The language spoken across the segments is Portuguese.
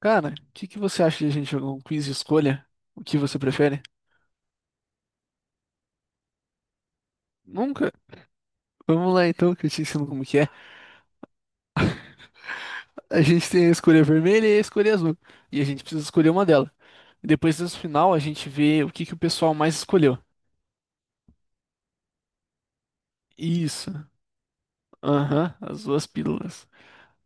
Cara, o que que você acha de a gente jogar um quiz de escolha? O que você prefere? Nunca? Vamos lá então, que eu te ensino como que é. A gente tem a escolha vermelha e a escolha azul. E a gente precisa escolher uma delas. E depois no final a gente vê o que que o pessoal mais escolheu. Isso. Aham, as duas pílulas.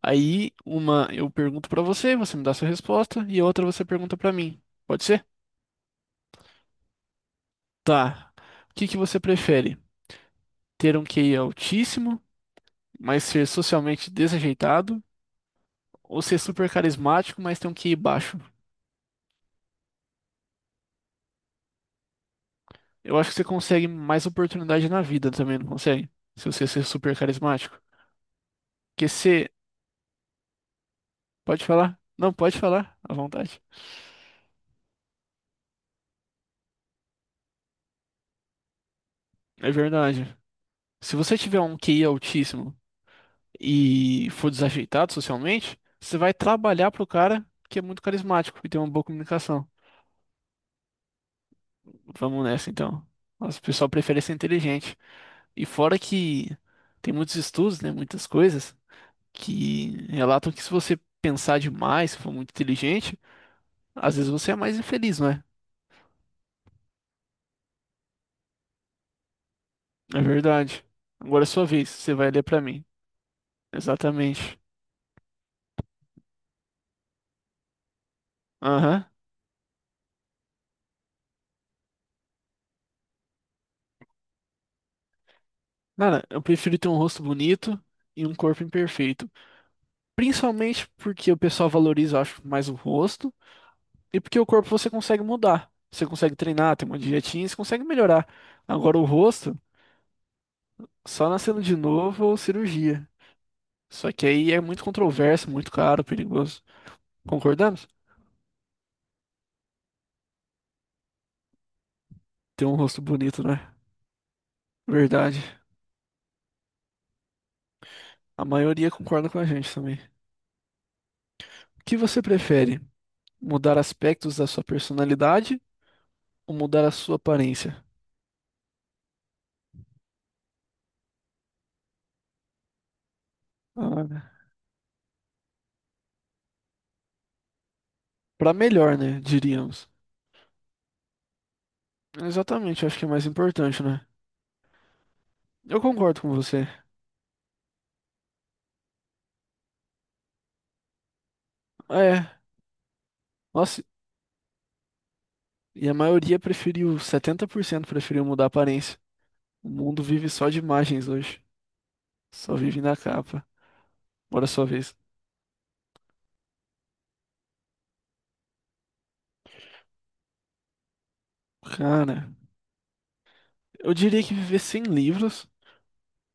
Aí uma eu pergunto pra você, você me dá sua resposta, e a outra você pergunta pra mim. Pode ser? Tá. O que que você prefere? Ter um QI altíssimo, mas ser socialmente desajeitado? Ou ser super carismático, mas ter um QI baixo. Eu acho que você consegue mais oportunidade na vida também, não consegue? Se você ser super carismático. Porque se. Pode falar? Não, pode falar, à vontade. É verdade. Se você tiver um QI altíssimo e for desajeitado socialmente, você vai trabalhar pro cara que é muito carismático e tem uma boa comunicação. Vamos nessa, então. Mas o pessoal prefere ser inteligente. E fora que tem muitos estudos, né? Muitas coisas que relatam que se você pensar demais, se for muito inteligente, às vezes você é mais infeliz, não é? É verdade. Agora é sua vez, você vai ler pra mim. Exatamente. Aham. Cara, eu prefiro ter um rosto bonito e um corpo imperfeito. Principalmente porque o pessoal valoriza, eu acho, mais o rosto e porque o corpo você consegue mudar. Você consegue treinar, tem uma dietinha, você consegue melhorar. Agora o rosto, só nascendo de novo ou cirurgia. Só que aí é muito controverso, muito caro, perigoso. Concordamos? Tem um rosto bonito, né? Verdade. A maioria concorda com a gente também. O que você prefere? Mudar aspectos da sua personalidade ou mudar a sua aparência? Ah, para melhor, né? Diríamos. Exatamente, acho que é mais importante, né? Eu concordo com você. É, nossa, e a maioria preferiu, 70% preferiu mudar a aparência. O mundo vive só de imagens hoje. Só vive na capa. Bora sua vez. Cara, eu diria que viver sem livros.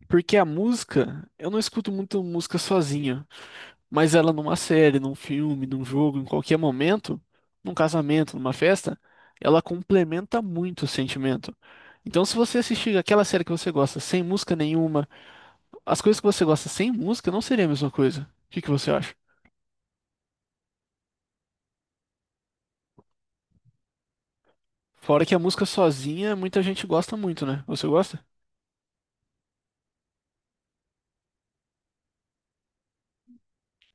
Porque a música, eu não escuto muito música sozinha, mas ela numa série, num filme, num jogo, em qualquer momento, num casamento, numa festa, ela complementa muito o sentimento. Então, se você assistir aquela série que você gosta sem música nenhuma, as coisas que você gosta sem música não seria a mesma coisa. O que que você acha? Fora que a música sozinha, muita gente gosta muito, né? Você gosta?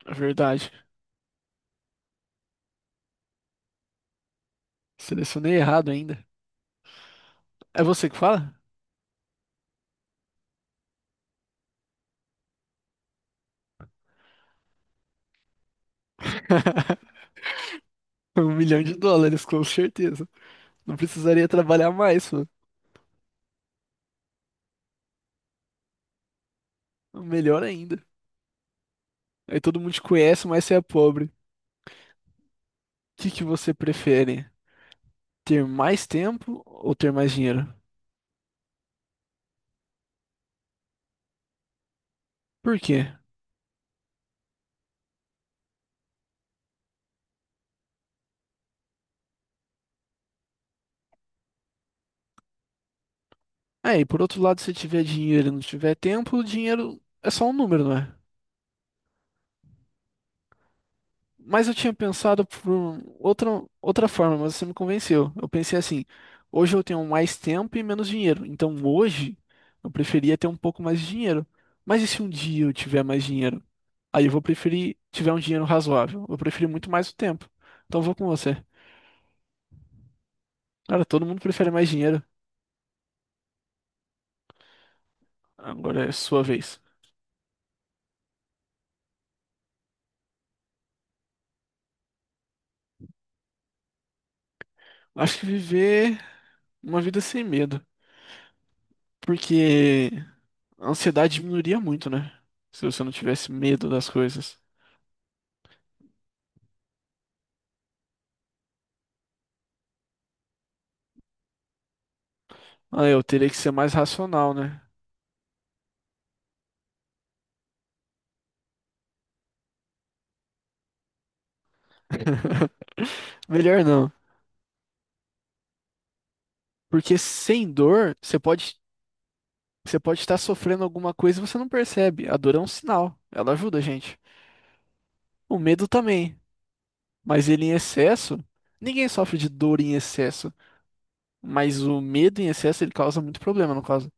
É verdade. Selecionei errado ainda. É você que fala? US$ 1 milhão, com certeza. Não precisaria trabalhar mais. Melhor ainda. Aí todo mundo te conhece, mas você é pobre. O que que você prefere? Ter mais tempo ou ter mais dinheiro? Por quê? Aí, por outro lado, se tiver dinheiro e não tiver tempo, o dinheiro é só um número, não é? Mas eu tinha pensado por outra forma, mas você me convenceu. Eu pensei assim, hoje eu tenho mais tempo e menos dinheiro. Então hoje eu preferia ter um pouco mais de dinheiro. Mas e se um dia eu tiver mais dinheiro? Aí eu vou preferir tiver um dinheiro razoável. Eu prefiro muito mais o tempo. Então eu vou com você. Cara, todo mundo prefere mais dinheiro. Agora é sua vez. Acho que viver uma vida sem medo. Porque a ansiedade diminuiria muito, né? Se você não tivesse medo das coisas. Ah, eu teria que ser mais racional, né? Melhor não. Porque sem dor, você pode estar sofrendo alguma coisa e você não percebe. A dor é um sinal. Ela ajuda a gente. O medo também. Mas ele em excesso. Ninguém sofre de dor em excesso. Mas o medo em excesso, ele causa muito problema, no caso.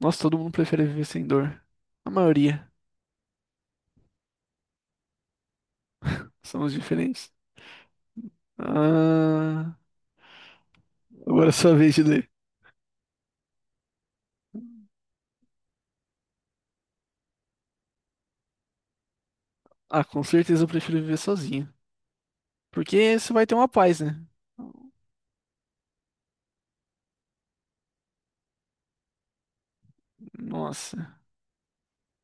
Nossa, todo mundo prefere viver sem dor. A maioria são os diferentes. Ah, agora é sua vez de ler. Ah, com certeza eu prefiro viver sozinho. Porque você vai ter uma paz, né? Nossa.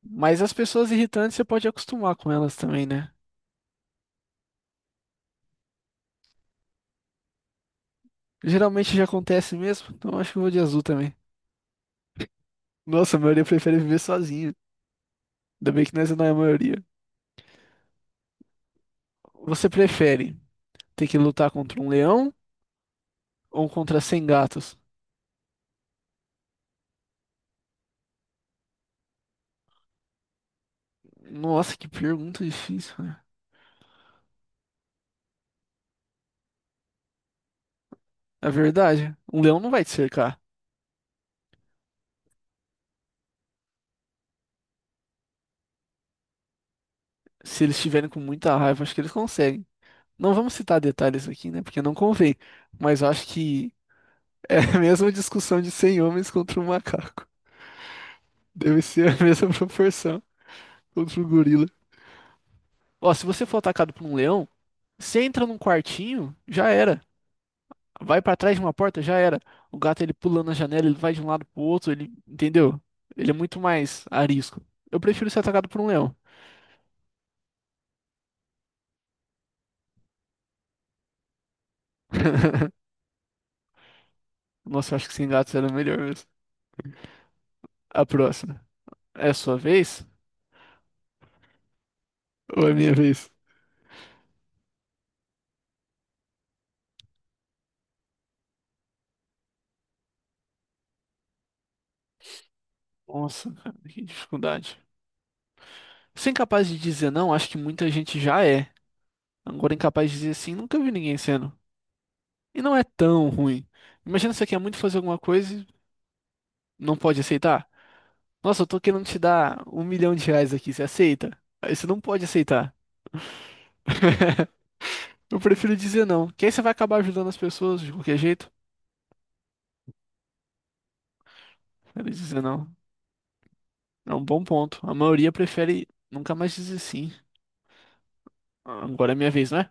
Mas as pessoas irritantes você pode acostumar com elas também, né? Geralmente já acontece mesmo, então eu acho que eu vou de azul também. Nossa, a maioria prefere viver sozinho. Ainda bem que nós não é a maioria. Você prefere ter que lutar contra um leão ou contra 100 gatos? Nossa, que pergunta difícil, né? É verdade. Um leão não vai te cercar. Se eles estiverem com muita raiva, acho que eles conseguem. Não vamos citar detalhes aqui, né? Porque não convém. Mas eu acho que é a mesma discussão de 100 homens contra um macaco. Deve ser a mesma proporção contra um gorila. Ó, se você for atacado por um leão, você entra num quartinho, já era. Vai pra trás de uma porta, já era. O gato ele pula na janela, ele vai de um lado pro outro, ele, entendeu? Ele é muito mais arisco. Eu prefiro ser atacado por um leão. Nossa, eu acho que sem gatos era melhor mesmo. A próxima. É a sua vez? Ou é minha vez? Nossa, cara, que dificuldade. Ser incapaz de dizer não, acho que muita gente já é. Agora, incapaz de dizer sim, nunca vi ninguém sendo. E não é tão ruim. Imagina você quer muito fazer alguma coisa e não pode aceitar. Nossa, eu tô querendo te dar R$ 1 milhão aqui, você aceita? Aí você não pode aceitar. Eu prefiro dizer não, que aí você vai acabar ajudando as pessoas de qualquer jeito. Prefiro dizer não. É um bom ponto. A maioria prefere nunca mais dizer sim. Agora é minha vez, não é?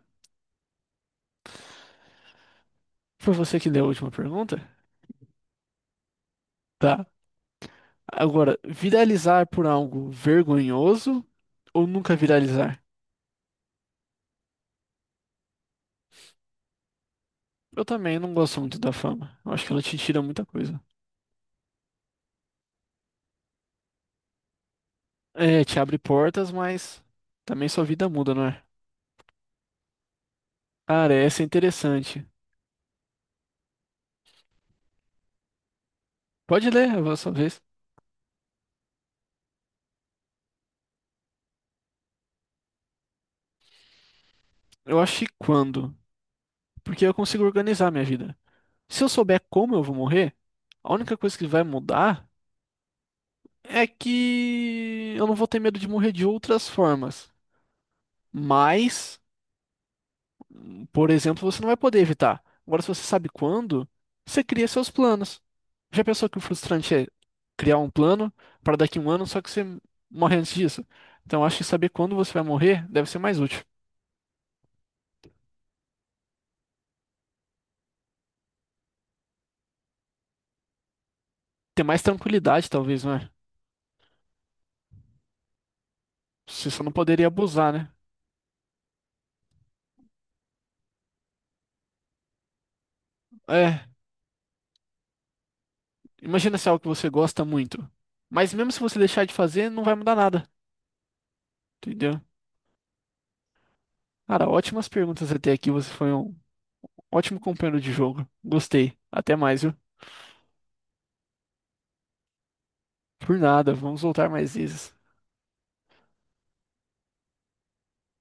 Foi você que deu a última pergunta? Tá. Agora, viralizar por algo vergonhoso ou nunca viralizar? Eu também não gosto muito da fama. Eu acho que ela te tira muita coisa. É, te abre portas, mas também sua vida muda, não é? Cara, essa é interessante. Pode ler, a sua vez. Eu acho que quando? Porque eu consigo organizar minha vida. Se eu souber como eu vou morrer, a única coisa que vai mudar é que eu não vou ter medo de morrer de outras formas. Mas. Por exemplo, você não vai poder evitar. Agora, se você sabe quando, você cria seus planos. Já pensou que o frustrante é criar um plano para daqui a um ano, só que você morre antes disso? Então, eu acho que saber quando você vai morrer deve ser mais útil. Ter mais tranquilidade, talvez, não é? Você só não poderia abusar, né? É, imagina se é algo que você gosta muito. Mas mesmo se você deixar de fazer, não vai mudar nada, entendeu? Cara, ótimas perguntas até aqui. Você foi um ótimo companheiro de jogo. Gostei. Até mais, viu? Por nada, vamos voltar mais vezes.